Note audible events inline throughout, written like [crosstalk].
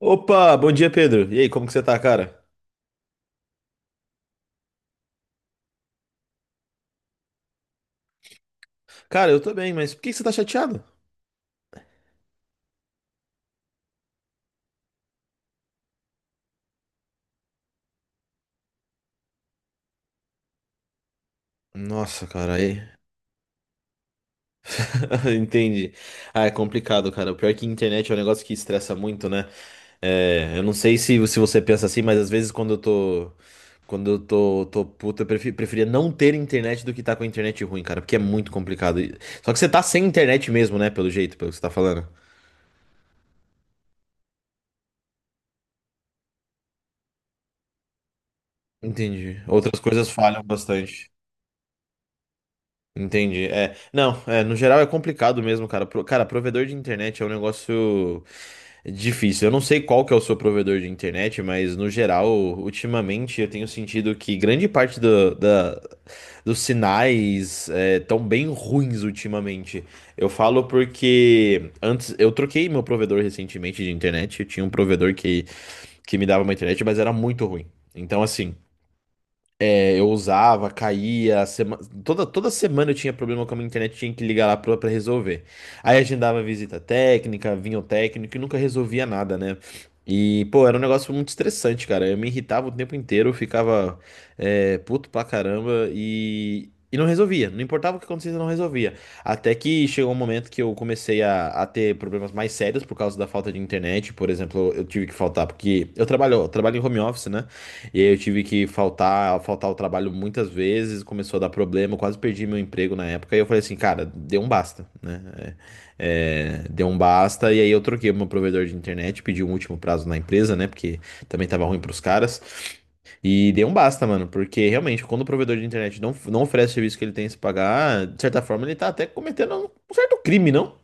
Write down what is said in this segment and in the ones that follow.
Opa, bom dia, Pedro. E aí, como que você tá, cara? Cara, eu tô bem, mas por que que você tá chateado? Nossa, cara, aí. [laughs] Entendi. Ah, é complicado, cara. O pior é que internet é um negócio que estressa muito, né? É, eu não sei se você pensa assim, mas às vezes quando eu tô, puto, eu preferia não ter internet do que tá com a internet ruim, cara, porque é muito complicado. Só que você tá sem internet mesmo, né? Pelo jeito, pelo que você tá falando. Entendi. Outras coisas falham bastante. Entendi. É, não, é, no geral é complicado mesmo, cara. Cara, provedor de internet é um negócio difícil. Eu não sei qual que é o seu provedor de internet, mas no geral, ultimamente eu tenho sentido que grande parte dos sinais estão bem ruins ultimamente. Eu falo porque antes eu troquei meu provedor recentemente de internet. Eu tinha um provedor que me dava uma internet, mas era muito ruim. Então, assim. É, eu usava, caía, toda semana eu tinha problema com a minha internet, tinha que ligar lá pra resolver. Aí agendava visita técnica, vinha o técnico e nunca resolvia nada, né? E, pô, era um negócio muito estressante, cara. Eu me irritava o tempo inteiro, eu ficava puto pra caramba e não resolvia. Não importava o que acontecesse, eu não resolvia. Até que chegou um momento que eu comecei a ter problemas mais sérios por causa da falta de internet. Por exemplo, eu tive que faltar porque eu trabalho em home office, né? E aí eu tive que faltar ao trabalho muitas vezes, começou a dar problema, eu quase perdi meu emprego na época. E eu falei assim, cara, deu um basta, né? Deu um basta. E aí eu troquei o meu provedor de internet, pedi um último prazo na empresa, né? Porque também tava ruim pros caras. E deu um basta, mano, porque realmente, quando o provedor de internet não oferece o serviço que ele tem que se pagar, de certa forma ele tá até cometendo um certo crime, não?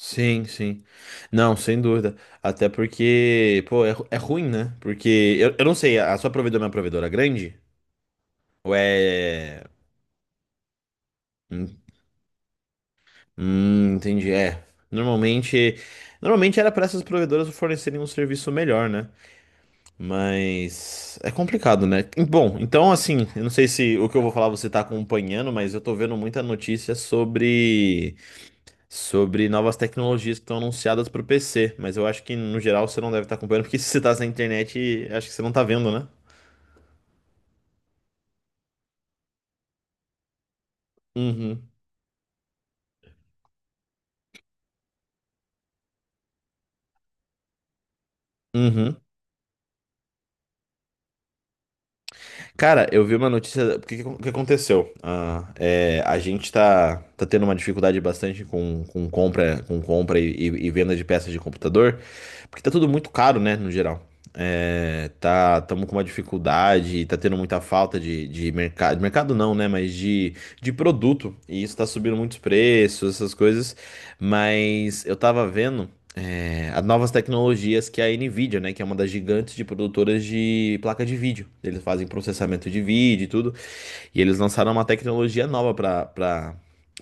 Sim, sim. Não, sem dúvida. Até porque, pô, é ruim, né? Porque eu não sei, a sua provedora é uma provedora grande? Ou é. Hum, entendi. É. Normalmente. Normalmente era para essas provedoras fornecerem um serviço melhor, né? Mas. É complicado, né? Bom, então, assim, eu não sei se o que eu vou falar você tá acompanhando, mas eu tô vendo muita notícia sobre novas tecnologias que estão anunciadas para o PC, mas eu acho que no geral você não deve estar acompanhando, porque [laughs] se você está na internet, acho que você não está vendo, né? Uhum. Uhum. Cara, eu vi uma notícia. O que, que aconteceu? Ah, é, a gente tá tendo uma dificuldade bastante com compra e venda de peças de computador, porque tá tudo muito caro, né, no geral. É, tá, estamos com uma dificuldade, tá tendo muita falta de mercado. De mercado não, né? Mas de produto. E isso tá subindo muitos preços, essas coisas. Mas eu tava vendo as novas tecnologias que a Nvidia, né, que é uma das gigantes de produtoras de placa de vídeo. Eles fazem processamento de vídeo e tudo, e eles lançaram uma tecnologia nova para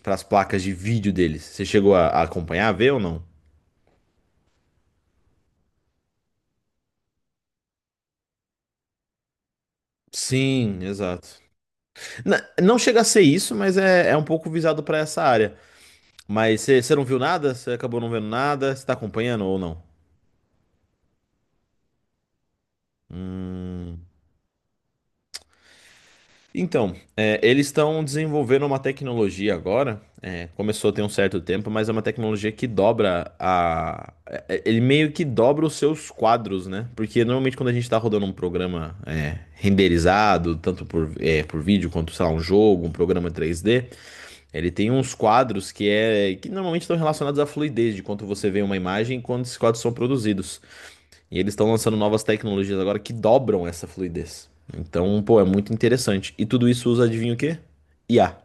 para as placas de vídeo deles. Você chegou a acompanhar, a ver ou não? Sim, exato. Não chega a ser isso, mas é, é um pouco visado para essa área. Mas você não viu nada? Você acabou não vendo nada? Você tá acompanhando ou não? Então, eles estão desenvolvendo uma tecnologia agora. Começou tem um certo tempo, mas é uma tecnologia que dobra ele meio que dobra os seus quadros, né? Porque normalmente quando a gente está rodando um programa renderizado, tanto por vídeo quanto, sei lá, um jogo, um programa 3D, ele tem uns quadros que é que normalmente estão relacionados à fluidez de quanto você vê uma imagem e quando esses quadros são produzidos. E eles estão lançando novas tecnologias agora que dobram essa fluidez. Então, pô, é muito interessante. E tudo isso usa, adivinha o quê? IA.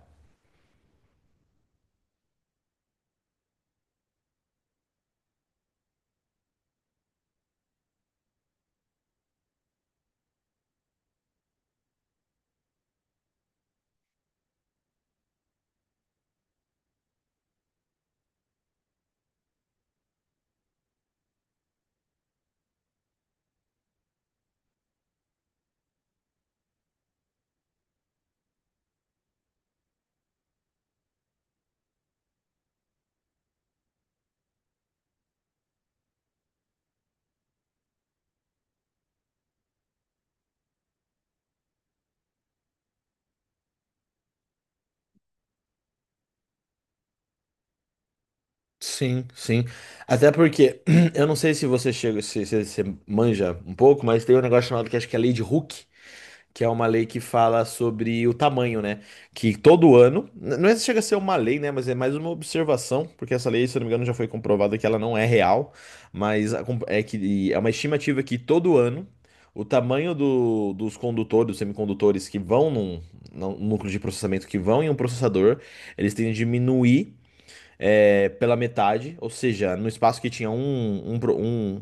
Sim, sim. Até porque [clears throat] eu não sei se você chega, se você manja um pouco, mas tem um negócio chamado que acho que é a lei de Hooke, que é uma lei que fala sobre o tamanho, né? Que todo ano, não é se chega a ser uma lei, né? Mas é mais uma observação, porque essa lei, se eu não me engano, já foi comprovada que ela não é real, mas a é que é uma estimativa que todo ano o tamanho dos condutores, dos semicondutores que vão num, num núcleo de processamento que vão em um processador, eles tendem a diminuir pela metade, ou seja, no espaço que tinha um,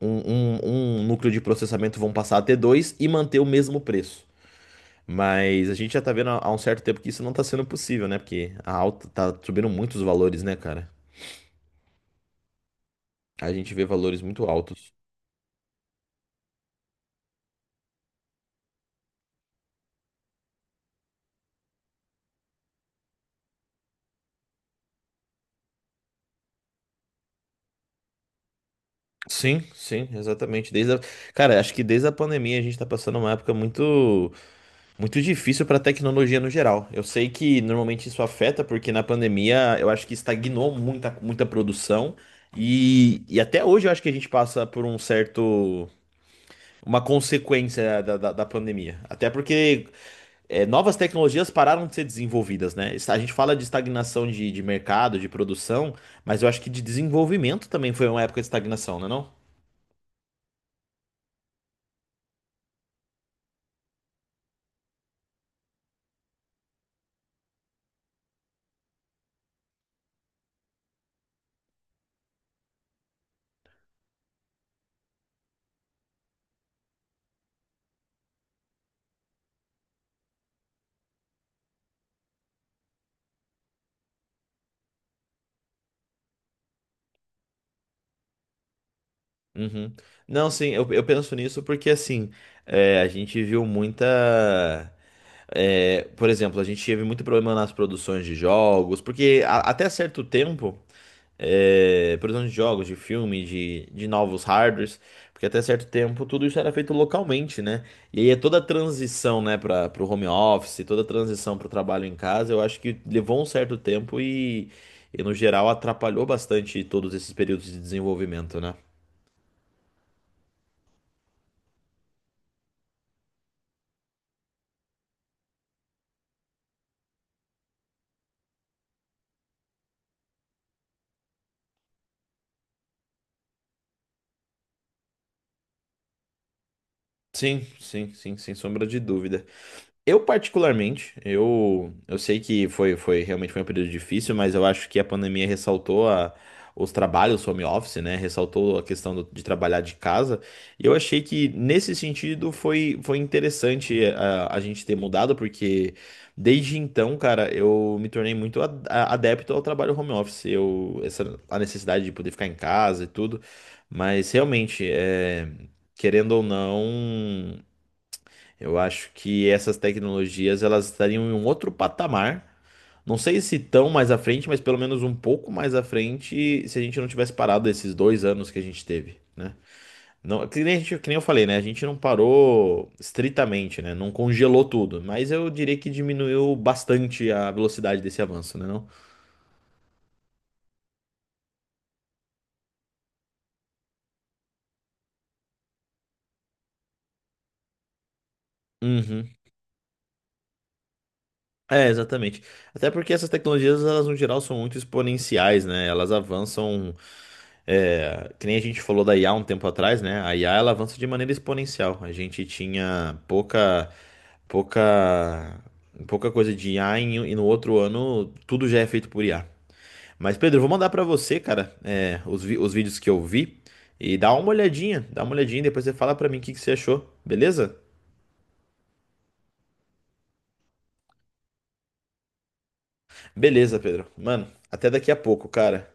um, um núcleo de processamento vão passar a ter dois e manter o mesmo preço. Mas a gente já tá vendo há um certo tempo que isso não tá sendo possível, né? Porque a alta tá subindo muito os valores, né, cara? A gente vê valores muito altos. Sim, sim, exatamente. Desde a... Cara, acho que desde a pandemia a gente tá passando uma época muito, muito difícil pra tecnologia no geral. Eu sei que normalmente isso afeta, porque na pandemia eu acho que estagnou muita, muita produção. E até hoje eu acho que a gente passa por uma consequência da pandemia. Até porque novas tecnologias pararam de ser desenvolvidas, né? A gente fala de estagnação de mercado, de produção, mas eu acho que de desenvolvimento também foi uma época de estagnação, né, não? Uhum. Não, sim, eu penso nisso porque assim, é, a gente viu por exemplo, a gente teve muito problema nas produções de jogos, porque até certo tempo, produção de jogos, de filme, de novos hardwares, porque até certo tempo tudo isso era feito localmente, né? E aí é toda a transição, né, para o home office, toda a transição para o trabalho em casa, eu acho que levou um certo tempo e no geral atrapalhou bastante todos esses períodos de desenvolvimento, né? Sim, sim, sim, sem sombra de dúvida. Eu particularmente, eu sei que foi realmente foi um período difícil, mas eu acho que a pandemia ressaltou os trabalhos home office, né? Ressaltou a questão de trabalhar de casa. E eu achei que nesse sentido foi, foi interessante a gente ter mudado, porque desde então, cara, eu me tornei muito adepto ao trabalho home office. Eu, essa, a necessidade de poder ficar em casa e tudo. Mas realmente, é, querendo ou não. Eu acho que essas tecnologias elas estariam em um outro patamar. Não sei se tão mais à frente, mas pelo menos um pouco mais à frente, se a gente não tivesse parado esses dois anos que a gente teve, né? Não, que nem, que nem eu falei, né? A gente não parou estritamente, né? Não congelou tudo, mas eu diria que diminuiu bastante a velocidade desse avanço, né? Não? Uhum. É, exatamente. Até porque essas tecnologias, elas no geral são muito exponenciais, né? Elas avançam É, que nem a gente falou da IA um tempo atrás, né? A IA ela avança de maneira exponencial. A gente tinha pouca, pouca coisa de IA e no outro ano tudo já é feito por IA. Mas Pedro, eu vou mandar pra você, cara, os vídeos que eu vi e dá uma olhadinha, depois você fala pra mim o que que você achou, beleza? Beleza, Pedro. Mano, até daqui a pouco, cara.